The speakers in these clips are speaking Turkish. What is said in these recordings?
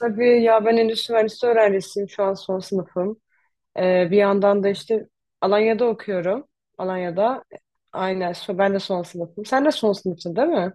Tabii ya ben endüstri mühendisliği öğrencisiyim. Şu an son sınıfım. Bir yandan da işte Alanya'da okuyorum. Alanya'da. Aynen. Ben de son sınıfım. Sen de son sınıfsın, değil mi?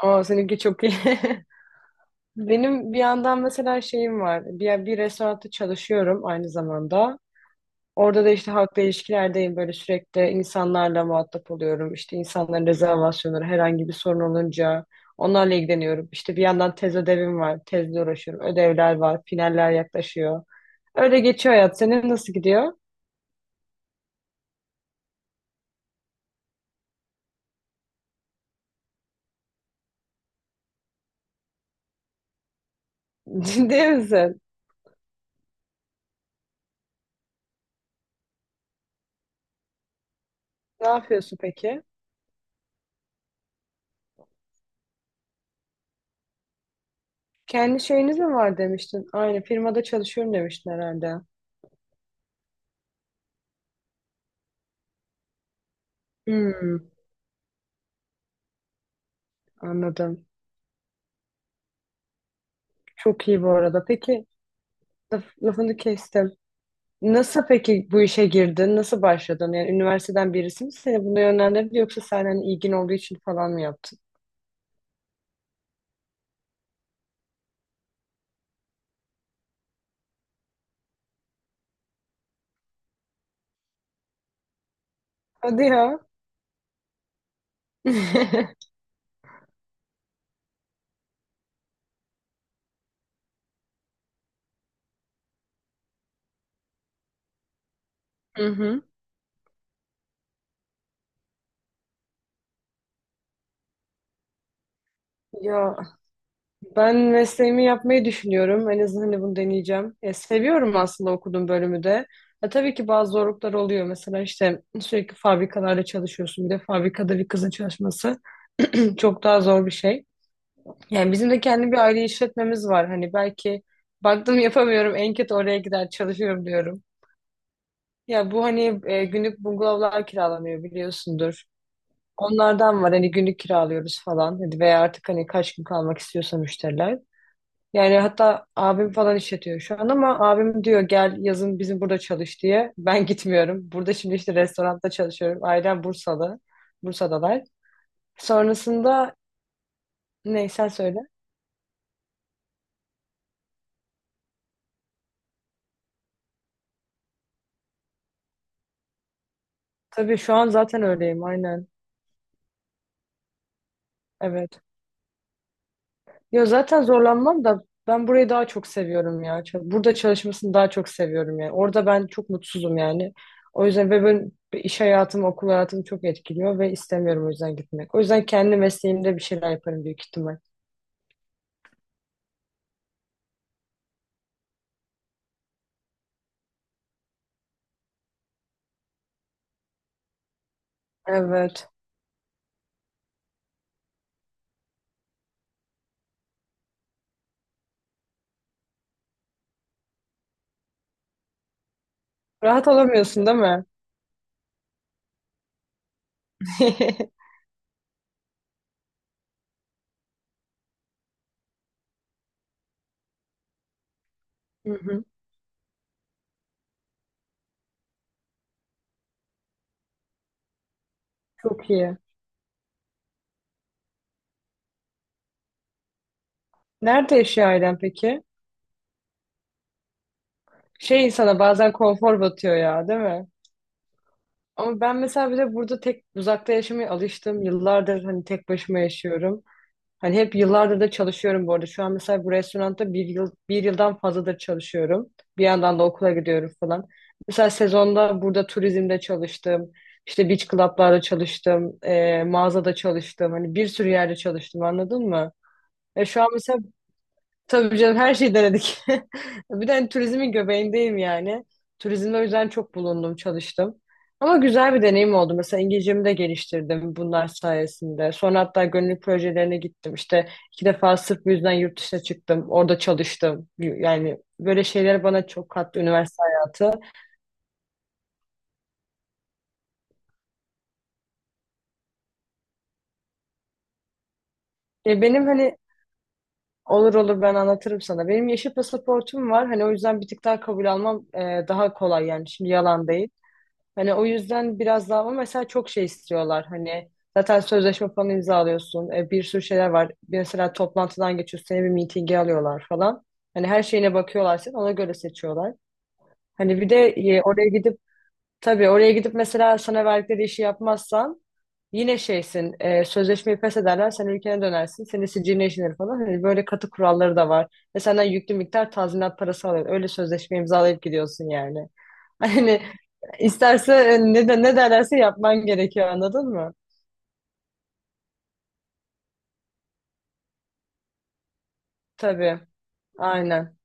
Aa, seninki çok iyi. Benim bir yandan mesela şeyim var. Bir restoranda çalışıyorum aynı zamanda. Orada da işte halkla ilişkilerdeyim, böyle sürekli insanlarla muhatap oluyorum. İşte insanların rezervasyonları, herhangi bir sorun olunca onlarla ilgileniyorum. İşte bir yandan tez ödevim var, tezle uğraşıyorum. Ödevler var, finaller yaklaşıyor. Öyle geçiyor hayat. Senin nasıl gidiyor? Ciddi misin? Ne yapıyorsun peki? Kendi şeyiniz mi var demiştin? Aynı firmada çalışıyorum demiştin herhalde. Hmm, anladım. Çok iyi bu arada. Peki lafını kestim. Nasıl peki bu işe girdin? Nasıl başladın? Yani üniversiteden birisi mi seni buna yönlendirdi, yoksa sen hani ilgin olduğu için falan mı yaptın? Hadi ya. Hı hı. Ya ben mesleğimi yapmayı düşünüyorum. En azından hani bunu deneyeceğim. Ya, seviyorum aslında okuduğum bölümü de. Ya, tabii ki bazı zorluklar oluyor. Mesela işte sürekli fabrikalarda çalışıyorsun. Bir de fabrikada bir kızın çalışması çok daha zor bir şey. Yani bizim de kendi bir aile işletmemiz var. Hani belki baktım yapamıyorum, en kötü oraya gider çalışıyorum diyorum. Ya bu hani günlük bungalovlar kiralanıyor, biliyorsundur. Onlardan var, hani günlük kiralıyoruz falan. Hadi veya artık hani kaç gün kalmak istiyorsa müşteriler. Yani hatta abim falan işletiyor şu an, ama abim diyor gel yazın bizim burada çalış diye. Ben gitmiyorum. Burada şimdi işte restoranda çalışıyorum. Ailem Bursalı. Bursa'dalar. Sonrasında ne sen söyle. Tabii, şu an zaten öyleyim, aynen. Evet. Ya zaten zorlanmam da, ben burayı daha çok seviyorum ya. Burada çalışmasını daha çok seviyorum yani. Orada ben çok mutsuzum yani. O yüzden ve ben iş hayatım, okul hayatım çok etkiliyor ve istemiyorum o yüzden gitmek. O yüzden kendi mesleğimde bir şeyler yaparım büyük ihtimal. Evet. Rahat olamıyorsun, değil mi? Hı hı. Çok iyi. Nerede yaşıyor ailen peki? Şey, insana bazen konfor batıyor ya, değil mi? Ama ben mesela bir de burada tek uzakta yaşamaya alıştım. Yıllardır hani tek başıma yaşıyorum. Hani hep yıllardır da çalışıyorum bu arada. Şu an mesela bu restoranda bir yıl, bir yıldan fazladır çalışıyorum. Bir yandan da okula gidiyorum falan. Mesela sezonda burada turizmde çalıştım. İşte beach club'larda çalıştım. Mağazada çalıştım. Hani bir sürü yerde çalıştım, anladın mı? E şu an mesela Tabii canım, her şeyi denedik. Bir de hani turizmin göbeğindeyim yani. Turizmde o yüzden çok bulundum, çalıştım. Ama güzel bir deneyim oldu. Mesela İngilizcemi de geliştirdim bunlar sayesinde. Sonra hatta gönüllü projelerine gittim. İşte 2 defa sırf bu yüzden yurt dışına çıktım. Orada çalıştım. Yani böyle şeyler bana çok kattı üniversite hayatı. E benim hani Olur olur, ben anlatırım sana. Benim yeşil pasaportum var. Hani o yüzden bir tık daha kabul almam daha kolay yani. Şimdi yalan değil. Hani o yüzden biraz daha, ama mesela çok şey istiyorlar. Hani zaten sözleşme falan imzalıyorsun. Bir sürü şeyler var. Mesela toplantıdan geçiyorsun. Seni bir mitinge alıyorlar falan. Hani her şeyine bakıyorlar senin. Ona göre seçiyorlar. Hani bir de e, oraya gidip Tabii oraya gidip mesela sana verdikleri işi yapmazsan yine şeysin, sözleşmeyi pes ederler, sen ülkene dönersin, senin siciline işlenir falan. Hani böyle katı kuralları da var. Ve senden yüklü miktar tazminat parası alıyor. Öyle sözleşme imzalayıp gidiyorsun yani. Hani isterse ne derlerse yapman gerekiyor, anladın mı? Tabii, aynen.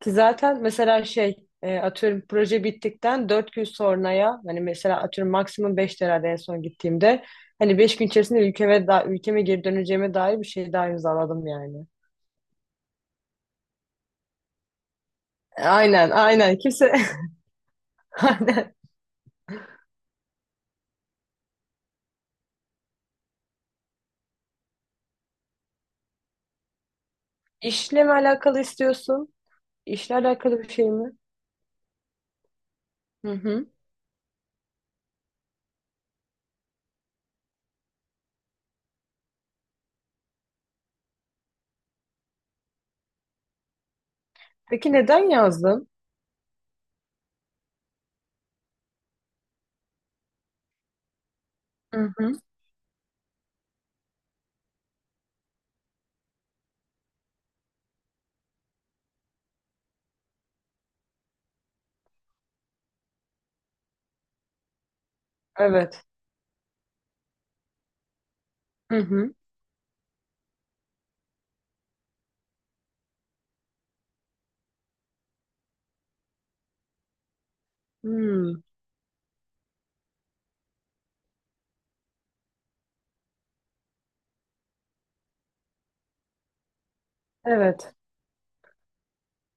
Ki zaten mesela atıyorum proje bittikten 4 gün sonraya, hani mesela atıyorum maksimum 5 herhalde en son gittiğimde, hani 5 gün içerisinde ülkeme geri döneceğime dair bir şey daha imzaladım yani. Aynen, aynen, kimse. Aynen. İşle mi alakalı istiyorsun? İşle alakalı bir şey mi? Hı hı. Peki neden yazdın? Hı hı. Evet. Hı hı. Hmm. Evet.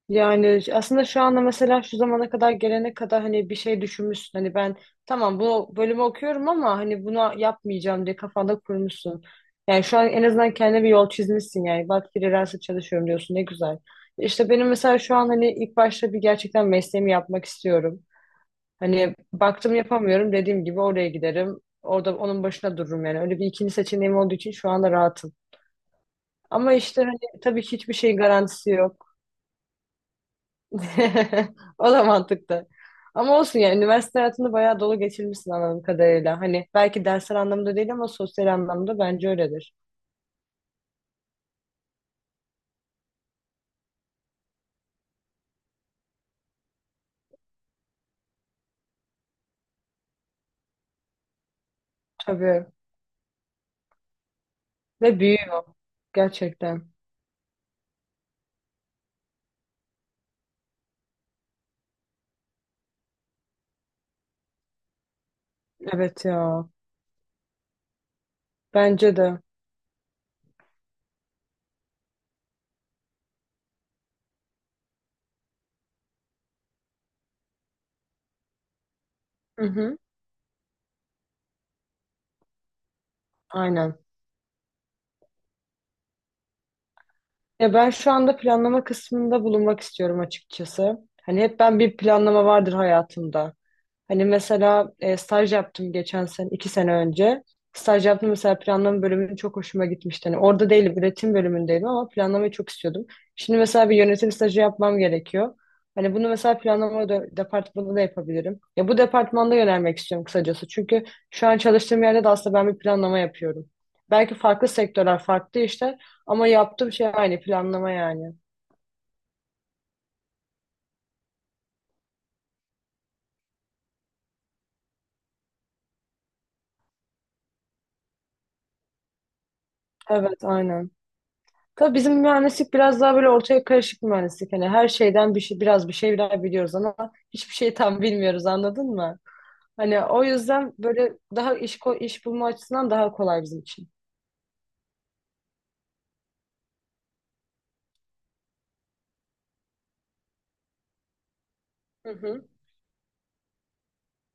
Yani aslında şu anda mesela şu zamana kadar gelene kadar hani bir şey düşünmüşsün. Hani ben tamam bu bölümü okuyorum ama hani buna yapmayacağım diye kafanda kurmuşsun. Yani şu an en azından kendine bir yol çizmişsin yani. Bak, freelance çalışıyorum diyorsun, ne güzel. İşte benim mesela şu an hani ilk başta bir gerçekten mesleğimi yapmak istiyorum. Hani baktım yapamıyorum dediğim gibi oraya giderim. Orada onun başına dururum yani. Öyle bir ikinci seçeneğim olduğu için şu anda rahatım. Ama işte hani tabii ki hiçbir şeyin garantisi yok. O da mantıklı. Ama olsun, yani üniversite hayatını bayağı dolu geçirmişsin anladığım kadarıyla. Hani belki dersler anlamında değil, ama sosyal anlamda bence öyledir. Tabii. Ve büyüyor. Gerçekten. Evet ya. Bence de. Hı hı. Aynen. Ya ben şu anda planlama kısmında bulunmak istiyorum açıkçası. Hani hep ben, bir planlama vardır hayatımda. Hani mesela staj yaptım geçen sene, 2 sene önce. Staj yaptım, mesela planlama bölümü çok hoşuma gitmişti. Hani orada değilim, üretim bölümündeydim ama planlamayı çok istiyordum. Şimdi mesela bir yönetim stajı yapmam gerekiyor. Hani bunu mesela planlama departmanında da yapabilirim. Ya bu departmanda yönelmek istiyorum kısacası. Çünkü şu an çalıştığım yerde de aslında ben bir planlama yapıyorum. Belki farklı sektörler, farklı işler, ama yaptığım şey aynı, planlama yani. Evet, aynen. Tabii bizim mühendislik biraz daha böyle ortaya karışık mühendislik. Hani her şeyden bir şey, biraz bir şeyler biliyoruz ama hiçbir şeyi tam bilmiyoruz, anladın mı? Hani o yüzden böyle daha iş bulma açısından daha kolay bizim için. Hı hı.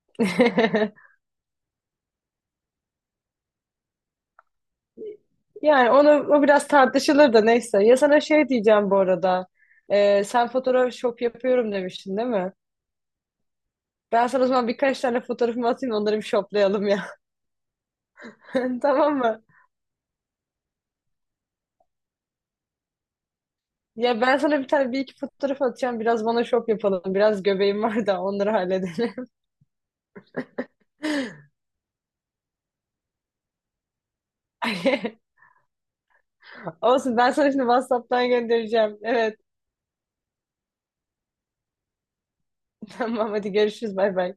Yani onu, o biraz tartışılır da, neyse. Ya sana şey diyeceğim bu arada. Sen fotoğraf shop yapıyorum demiştin, değil mi? Ben sana o zaman birkaç tane fotoğrafımı atayım, onları bir shoplayalım ya. Tamam mı? Ya ben sana bir iki fotoğraf atacağım. Biraz bana şop yapalım. Biraz göbeğim var da onları halledelim. Olsun, ben sana şimdi WhatsApp'tan göndereceğim. Evet, tamam, hadi görüşürüz, bay bay.